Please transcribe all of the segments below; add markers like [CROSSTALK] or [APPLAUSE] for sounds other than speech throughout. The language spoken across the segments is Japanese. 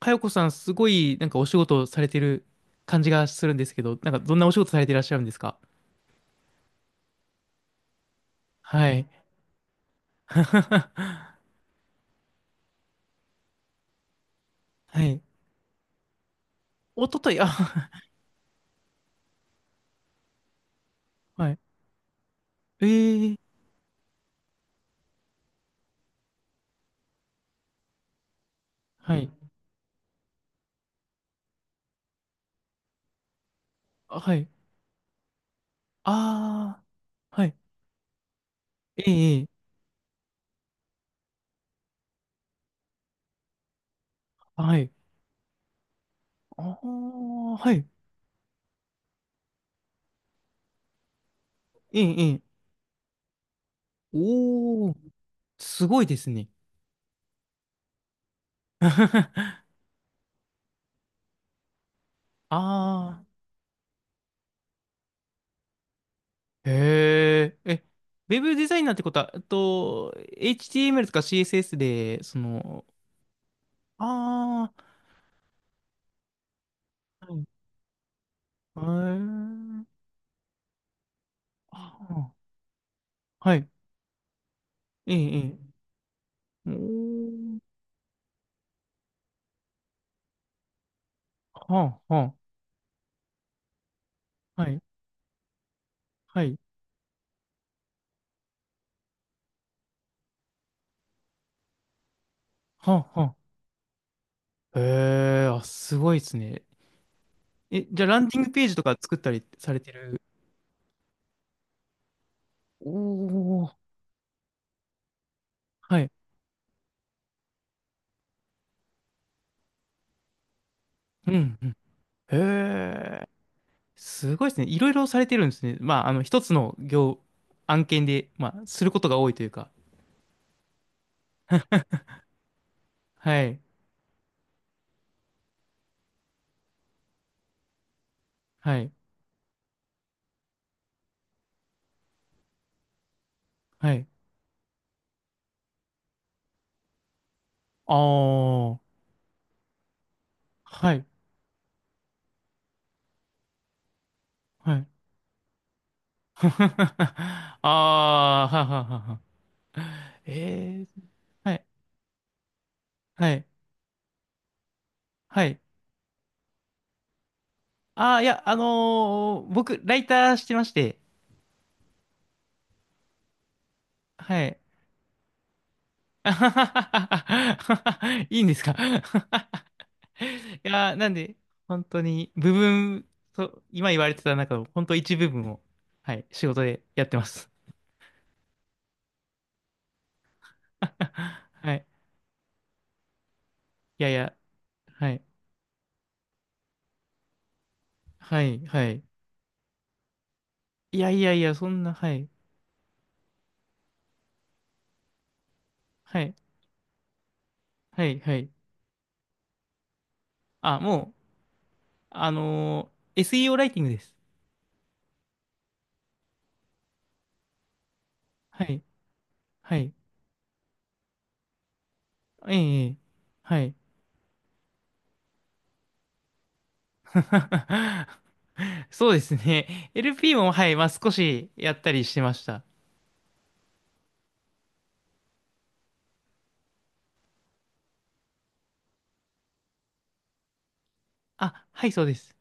かよこさん、すごい、お仕事されてる感じがするんですけど、どんなお仕事されていらっしゃるんですか？はい。[LAUGHS] はい。おととい、あ、はい。えー、はい。あ、はい。あー、はい。ええええはい。あー、はい。ええええおー、すごいですね。[LAUGHS] あー、へー。え、ウェブデザイナーってことは、HTML とか CSS で、その、あー、へえはあ、はい。ええ、ええ。おー、はあ、はあ、はい、はい、はあ、はあ。へえ、あ、すごいですね。え、じゃあ、ランディングページとか作ったりされてる？おおはい。うん、うん。へえ、すごいですね。いろいろされてるんですね。まあ、一つの業、案件で、まあ、することが多いというか。はい、はい、はい。あー、はい、はい。[LAUGHS] あー、はははは [LAUGHS] えー、はい、はい、はい。ああ、いや、僕、ライターしてまして、はい。[LAUGHS] あははははいいんですか？ [LAUGHS] いやー、なんで、本当に、部分、と、今言われてた中の、本当一部分を、はい、仕事でやってます。[LAUGHS] はい。いやいや、はい、はい、はい。いやいやいや、そんな、はい、はい、はい、はい。あ、もう、SEO ライティングです。はい、はい。ええ、はい。[LAUGHS] そうですね。LP も、はい、まあ少しやったりしてました。あ、はい、そうです。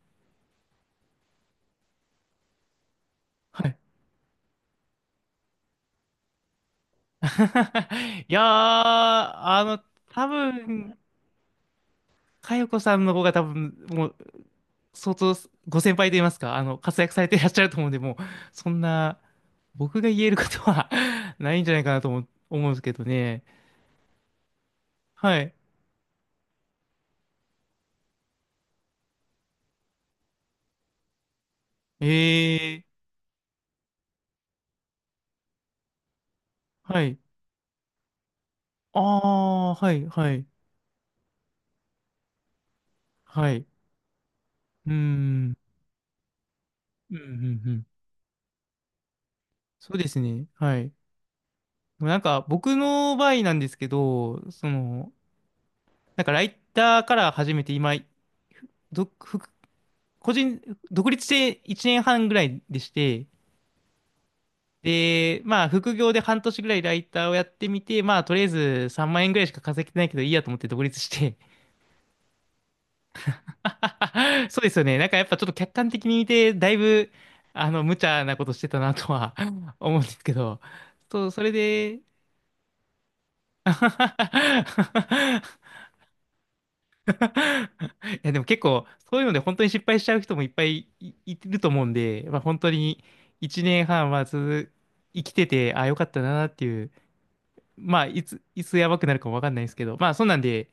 はい。[LAUGHS] いやー、あの、多分、かよこさんの方が多分、もう、相当、ご先輩と言いますか、あの、活躍されていらっしゃると思うんで、もう、そんな、僕が言えることは [LAUGHS] ないんじゃないかなと思うんですけどね。はい。えーはい。あーはい、はい、はい。うーん。うんうんうん。そうですね。はい。でも僕の場合なんですけど、その、ライターから始めて今、独副個人、独立して1年半ぐらいでして、で、まあ副業で半年ぐらいライターをやってみて、まあとりあえず3万円ぐらいしか稼げてないけどいいやと思って独立して。[LAUGHS] そうですよね。やっぱちょっと客観的に見て、だいぶ、あの、無茶なことしてたなとは [LAUGHS] 思うんですけど、そう、それで、[LAUGHS] いやでも結構そういうので本当に失敗しちゃう人もいっぱいい、いると思うんで、まあ、本当に1年半はんはず生きててああよかったなっていうまあいつやばくなるかもわかんないですけどまあそんなんで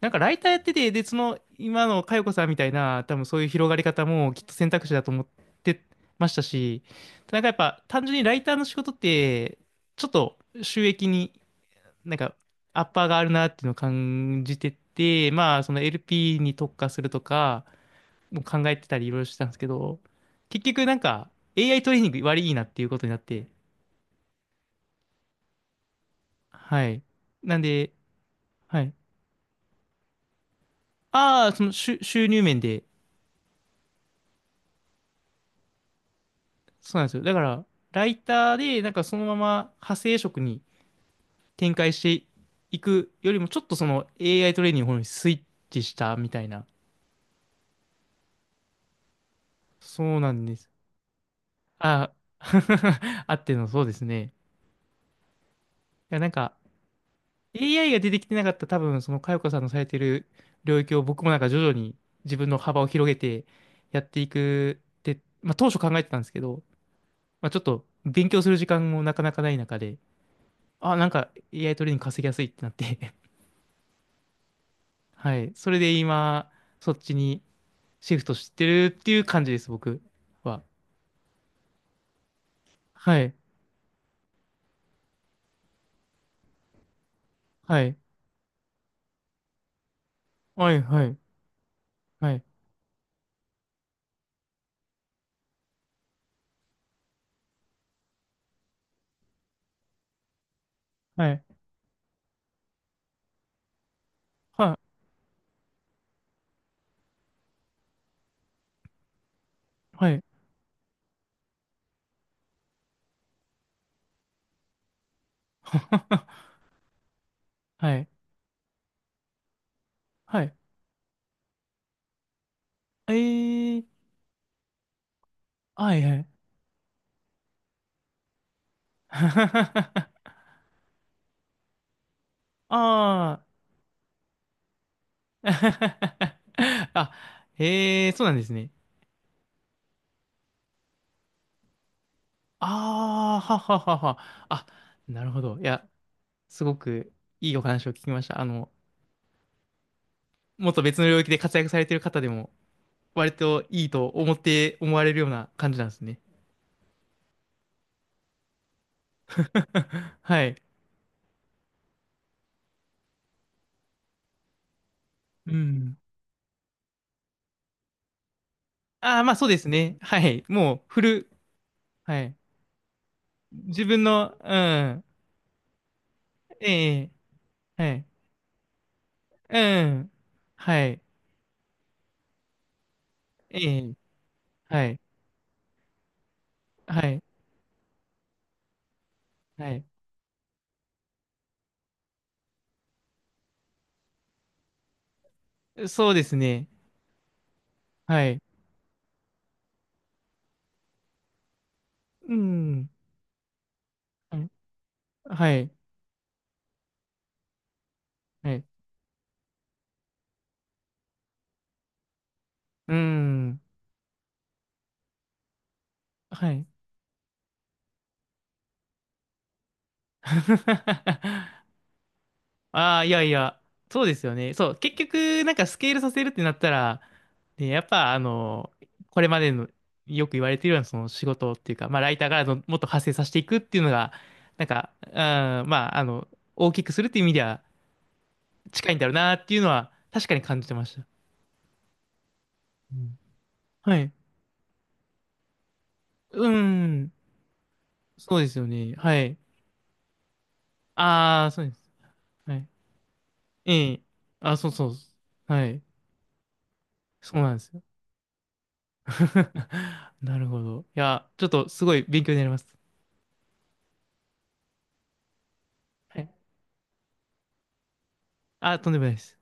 なんかライターやっててでその今の佳代子さんみたいな多分そういう広がり方もきっと選択肢だと思ってましたし、なんかやっぱ単純にライターの仕事ってちょっと収益になんか、アッパーがあるなっていうのを感じてて、まあ、その LP に特化するとか、もう考えてたりいろいろしてたんですけど、結局なんか、AI トレーニング割いいなっていうことになって、はい。なんで、はい。ああ、その収入面で、そうなんですよ。だから、ライターで、なんかそのまま派生職に展開していくよりも、ちょっとその AI トレーニングの方にスイッチしたみたいな。そうなんです。ああ、[LAUGHS] あってのそうですね。いや、なんか、AI が出てきてなかった多分、その佳代子さんのされてる領域を僕もなんか徐々に自分の幅を広げてやっていくって、まあ当初考えてたんですけど、まあちょっと勉強する時間もなかなかない中で、あ、なんか AI トレーニング稼ぎやすいってなって [LAUGHS] はい。それで今、そっちにシフトしてるっていう感じです、僕は。はい。はい。はい、はい、はい、はい、はい、はい、[LAUGHS] はい、はい、えー、はい、はい。[LAUGHS] ああ。[LAUGHS] あ、へえ、そうなんですね。ああ、はははは。あ、なるほど。いや、すごくいいお話を聞きました。あの、もっと別の領域で活躍されている方でも、割といいと思って、思われるような感じなんですね。[LAUGHS] はい。うん。ああ、まあそうですね。はい。もう、フル、はい。自分の、うん。ええ、はい。うん。はい。ええ、はい。はい。はい。そうですね。はい。うん。はい。はい。はい。うん。はい。[LAUGHS] ああ、いやいや、そうですよね。そう、結局、なんかスケールさせるってなったら、ね、やっぱ、あの、これまでの、よく言われているような、その仕事っていうか、まあ、ライターからのもっと派生させていくっていうのが、なんか、うん、まあ、あの、大きくするっていう意味では近いんだろうなっていうのは、確かに感じてました。うんはい。うーん。そうですよね。はい。ああ、そうです。はいええ。あ、そうそう。はい。そうなんですよ。[LAUGHS] なるほど。いや、ちょっとすごい勉強になります。はい。あ、とんでもないです。